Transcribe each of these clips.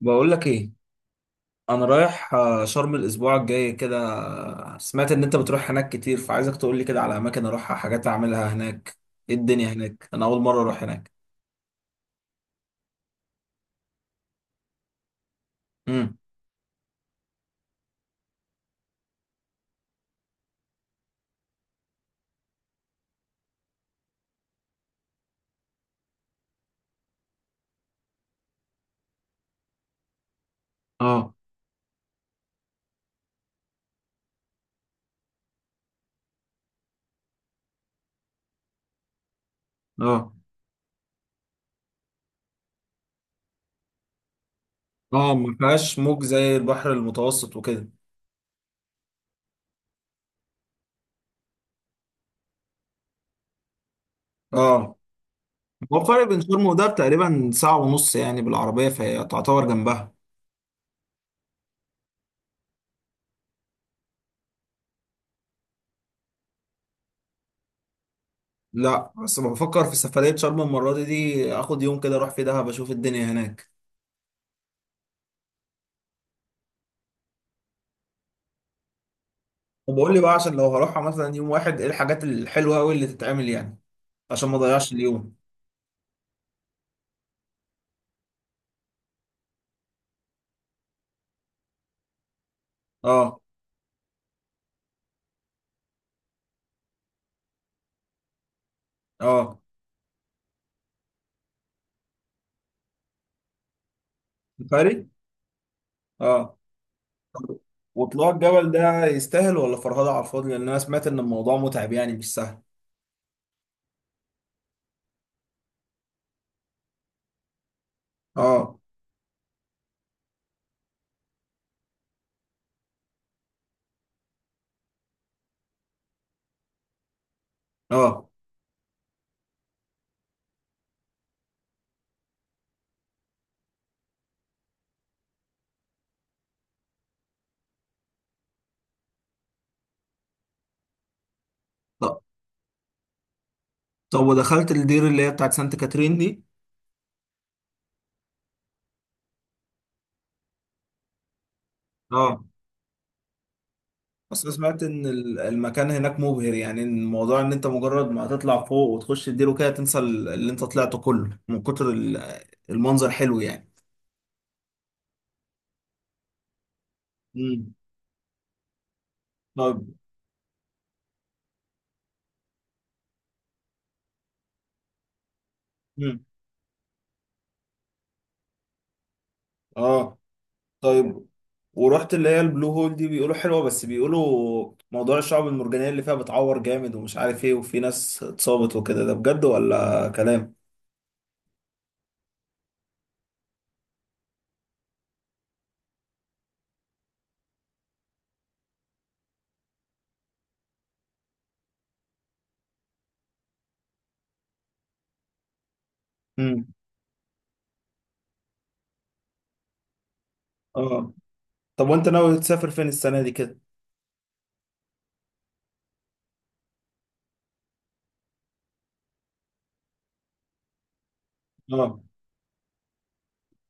بقول لك ايه. انا رايح شرم الاسبوع الجاي كده. سمعت ان انت بتروح هناك كتير، فعايزك تقول لي كده على اماكن اروحها، حاجات اعملها هناك. ايه الدنيا هناك؟ انا اول مره اروح هناك. امم اه. اه. اه، ما فيهاش موج زي البحر المتوسط وكده. اه، هو الفرق بين شرم ودهب تقريبا ساعه ونص يعني بالعربيه، فهي تعتبر جنبها. لا، بس بفكر في سفريه شرم المره دي، اخد يوم كده اروح في دهب اشوف الدنيا هناك. وبقول لي بقى، عشان لو هروحها مثلا يوم واحد، ايه الحاجات الحلوه قوي اللي تتعمل يعني؟ عشان ما اضيعش اليوم. اه. اه. سفاري. اه. طب، وطلوع الجبل ده يستاهل ولا فرهدة على الفاضي؟ لان انا سمعت ان الموضوع متعب يعني، مش سهل. اه. اه. طب. طب، ودخلت الدير اللي هي بتاعت سانت كاترين دي؟ اه، بس انا سمعت ان المكان هناك مبهر يعني، إن الموضوع ان انت مجرد ما هتطلع فوق وتخش الدير وكده تنسى اللي انت طلعته كله من كتر المنظر حلو يعني. امم طب. امم اه. طيب، ورحت اللي هي البلو هول دي؟ بيقولوا حلوة، بس بيقولوا موضوع الشعب المرجانية اللي فيها بتعور جامد ومش عارف ايه وفي ناس اتصابت وكده، ده بجد ولا كلام؟ امم اه. طب، وانت ناوي تسافر فين السنة دي كده؟ اه.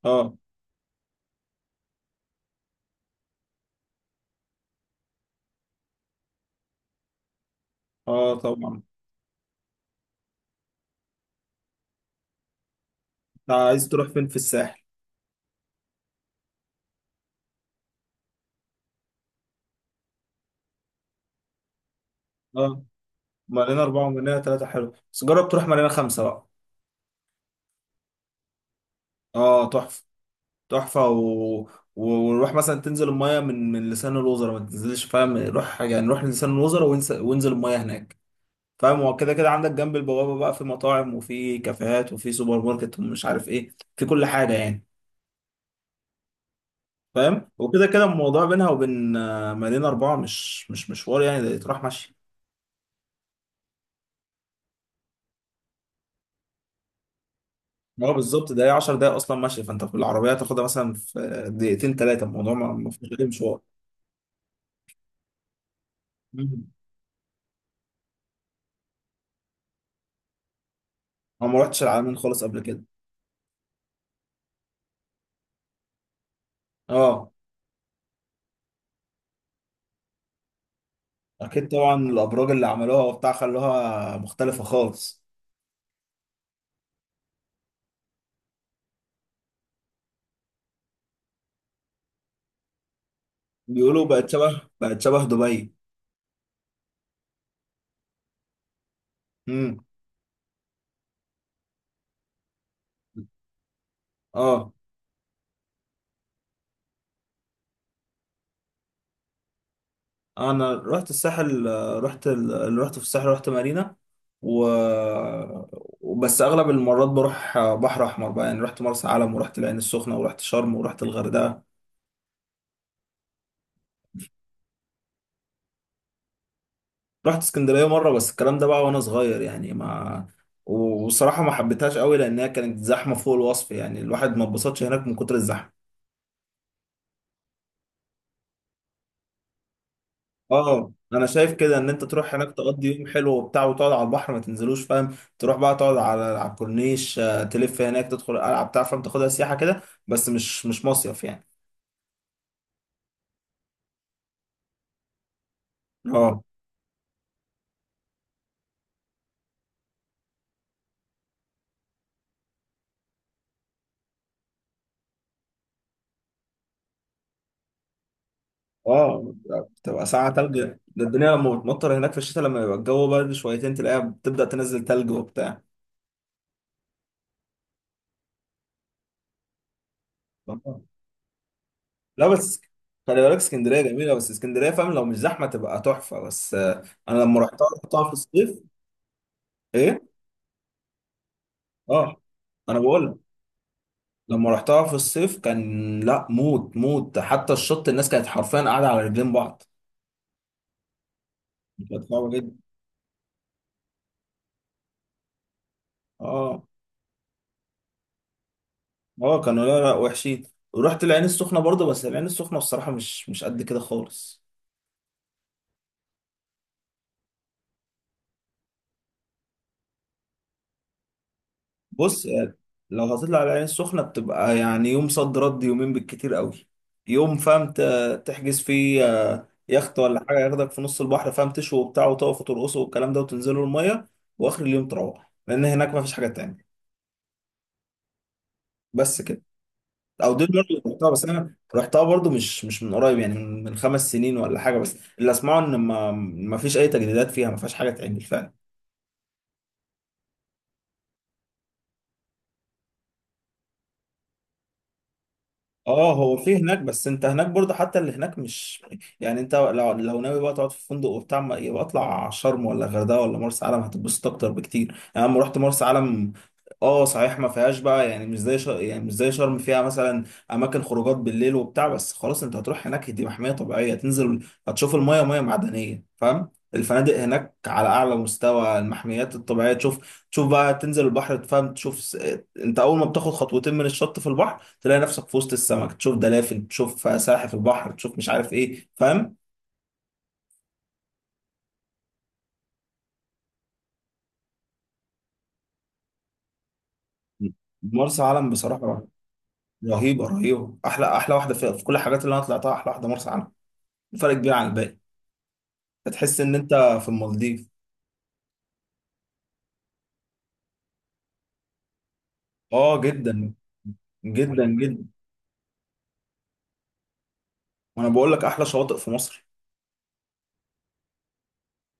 اه. اه طبعا. انت عايز تروح فين في الساحل؟ اه. مارينا 4 ومارينا ثلاثة حلو، بس جرب تروح مارينا 5 بقى. اه، تحفة. تحفة و... ونروح مثلا تنزل المية من لسان الوزراء، ما تنزلش فاهم، روح يعني روح لسان الوزراء وانزل، وانزل المية هناك. فاهم هو كده كده عندك جنب البوابة بقى، في مطاعم وفي كافيهات وفي سوبر ماركت ومش عارف ايه، في كل حاجة يعني. فاهم وكده كده الموضوع بينها وبين مدينة 4 مش مشوار يعني، ده يتراح مشي. هو بالظبط ده، هي 10 دقايق أصلا مشي، فأنت في العربية تاخدها مثلا في دقيقتين تلاتة، الموضوع ما فيهوش أي مشوار. مم. أنا ما رحتش العلمين خالص قبل كده. اه. أكيد طبعا، الأبراج اللي عملوها وبتاع خلوها مختلفة خالص. بيقولوا بقت شبه دبي. مم. اه. انا رحت الساحل، رحت اللي رحت في الساحل رحت مارينا. و وبس اغلب المرات بروح بحر احمر بقى، يعني رحت مرسى علم ورحت العين السخنه ورحت شرم ورحت الغردقه. رحت اسكندريه مره بس، الكلام ده بقى وانا صغير يعني، ما وصراحه ما حبيتهاش قوي لانها كانت زحمه فوق الوصف يعني، الواحد ما اتبسطش هناك من كتر الزحمه. اه، انا شايف كده ان انت تروح هناك، تقضي يوم حلو وبتاع وتقعد على البحر، ما تنزلوش فاهم، تروح بقى تقعد على الكورنيش، تلف هناك، تدخل القلعه بتاع فاهم، تاخدها سياحه كده. بس مش مصيف يعني. اه. اه، بتبقى ساعه تلج. ده الدنيا لما بتمطر هناك في الشتاء لما يبقى الجو برد شويتين، تلاقيها بتبدا تنزل تلج وبتاع. آه. لا، بس خلي بالك اسكندريه جميله، بس اسكندريه فاهم لو مش زحمه تبقى تحفه، بس انا لما رحتها رحتها في الصيف. ايه. اه، انا بقول لما رحتها في الصيف كان لا، موت موت، حتى الشط الناس كانت حرفيا قاعده على رجلين بعض. كانت صعبه جدا. اه. اه، كانوا لا لا وحشين. ورحت العين السخنه برضه، بس العين السخنه بصراحه مش قد كده خالص. بص يعني، لو هتطلع على العين السخنه بتبقى يعني يوم صد رد، يومين بالكتير قوي. يوم فاهم تحجز فيه يخت ولا حاجه ياخدك في نص البحر فاهم، تشوي وبتاع وتقف وترقصوا والكلام ده وتنزلوا الميه. واخر اليوم تروح، لان هناك ما فيش حاجه تانية. بس كده. او دول برضه اللي رحتها، بس انا رحتها برضه مش من قريب يعني، من 5 سنين ولا حاجه، بس اللي اسمعه ان ما فيش اي تجديدات فيها، ما فيهاش حاجه تعمل فعلا. اه، هو في هناك، بس انت هناك برضه حتى اللي هناك مش، يعني انت لو ناوي بقى تقعد في فندق وبتاع، يبقى اطلع شرم ولا غردقه ولا مرسى علم، هتتبسط اكتر بكتير. يعني انا لما رحت مرسى علم، اه صحيح ما فيهاش بقى يعني مش زي يعني مش زي شرم، فيها مثلا اماكن خروجات بالليل وبتاع، بس خلاص انت هتروح هناك، دي محميه طبيعيه تنزل. هتشوف الميه ميه معدنيه فاهم، الفنادق هناك على اعلى مستوى، المحميات الطبيعيه تشوف، بقى تنزل البحر تفهم تشوف انت اول ما بتاخد خطوتين من الشط في البحر، تلاقي نفسك في وسط السمك، تشوف دلافين، تشوف سلاحف البحر، تشوف مش عارف ايه فاهم. مرسى علم بصراحة رهيبة رهيبة، أحلى أحلى واحدة في, في كل الحاجات اللي أنا طلعتها أحلى واحدة مرسى علم. فرق كبير عن الباقي. هتحس إن أنت في المالديف. آه جدا. جدا جدا. وأنا بقول لك أحلى شواطئ في مصر.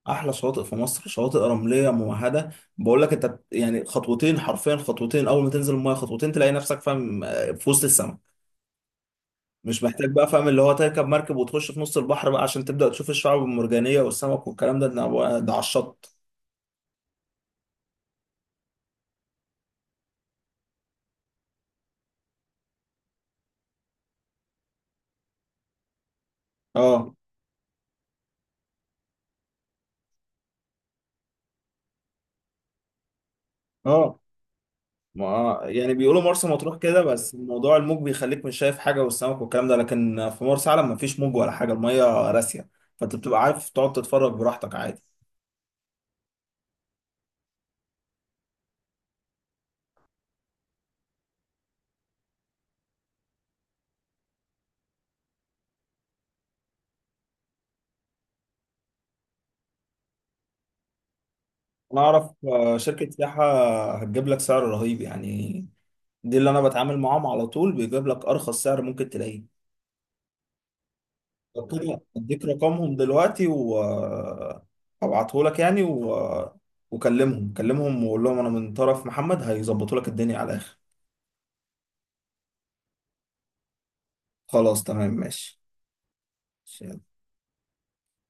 أحلى شواطئ في مصر، شواطئ رملية ممهدة. بقول لك أنت يعني خطوتين حرفيا، خطوتين أول ما تنزل المية، خطوتين تلاقي نفسك فاهم، في وسط السماء. مش محتاج بقى فاهم اللي هو تركب مركب وتخش في نص البحر بقى عشان تبدأ تشوف الشعاب المرجانية والسمك والكلام ده، على الشط. اه. اه، ما يعني بيقولوا مرسى مطروح كده، بس موضوع الموج بيخليك مش شايف حاجة والسمك والكلام ده، لكن في مرسى علم مفيش موج ولا حاجة، المية راسية. فانت بتبقى عارف تقعد تتفرج براحتك عادي. انا اعرف شركة سياحة هتجيب لك سعر رهيب يعني، دي اللي انا بتعامل معاهم على طول، بيجيب لك ارخص سعر ممكن تلاقيه. لو كده اديك رقمهم دلوقتي و... هبعته لك يعني و... كلمهم وقول لهم انا من طرف محمد، هيظبطوا لك الدنيا على الاخر. خلاص تمام ماشي.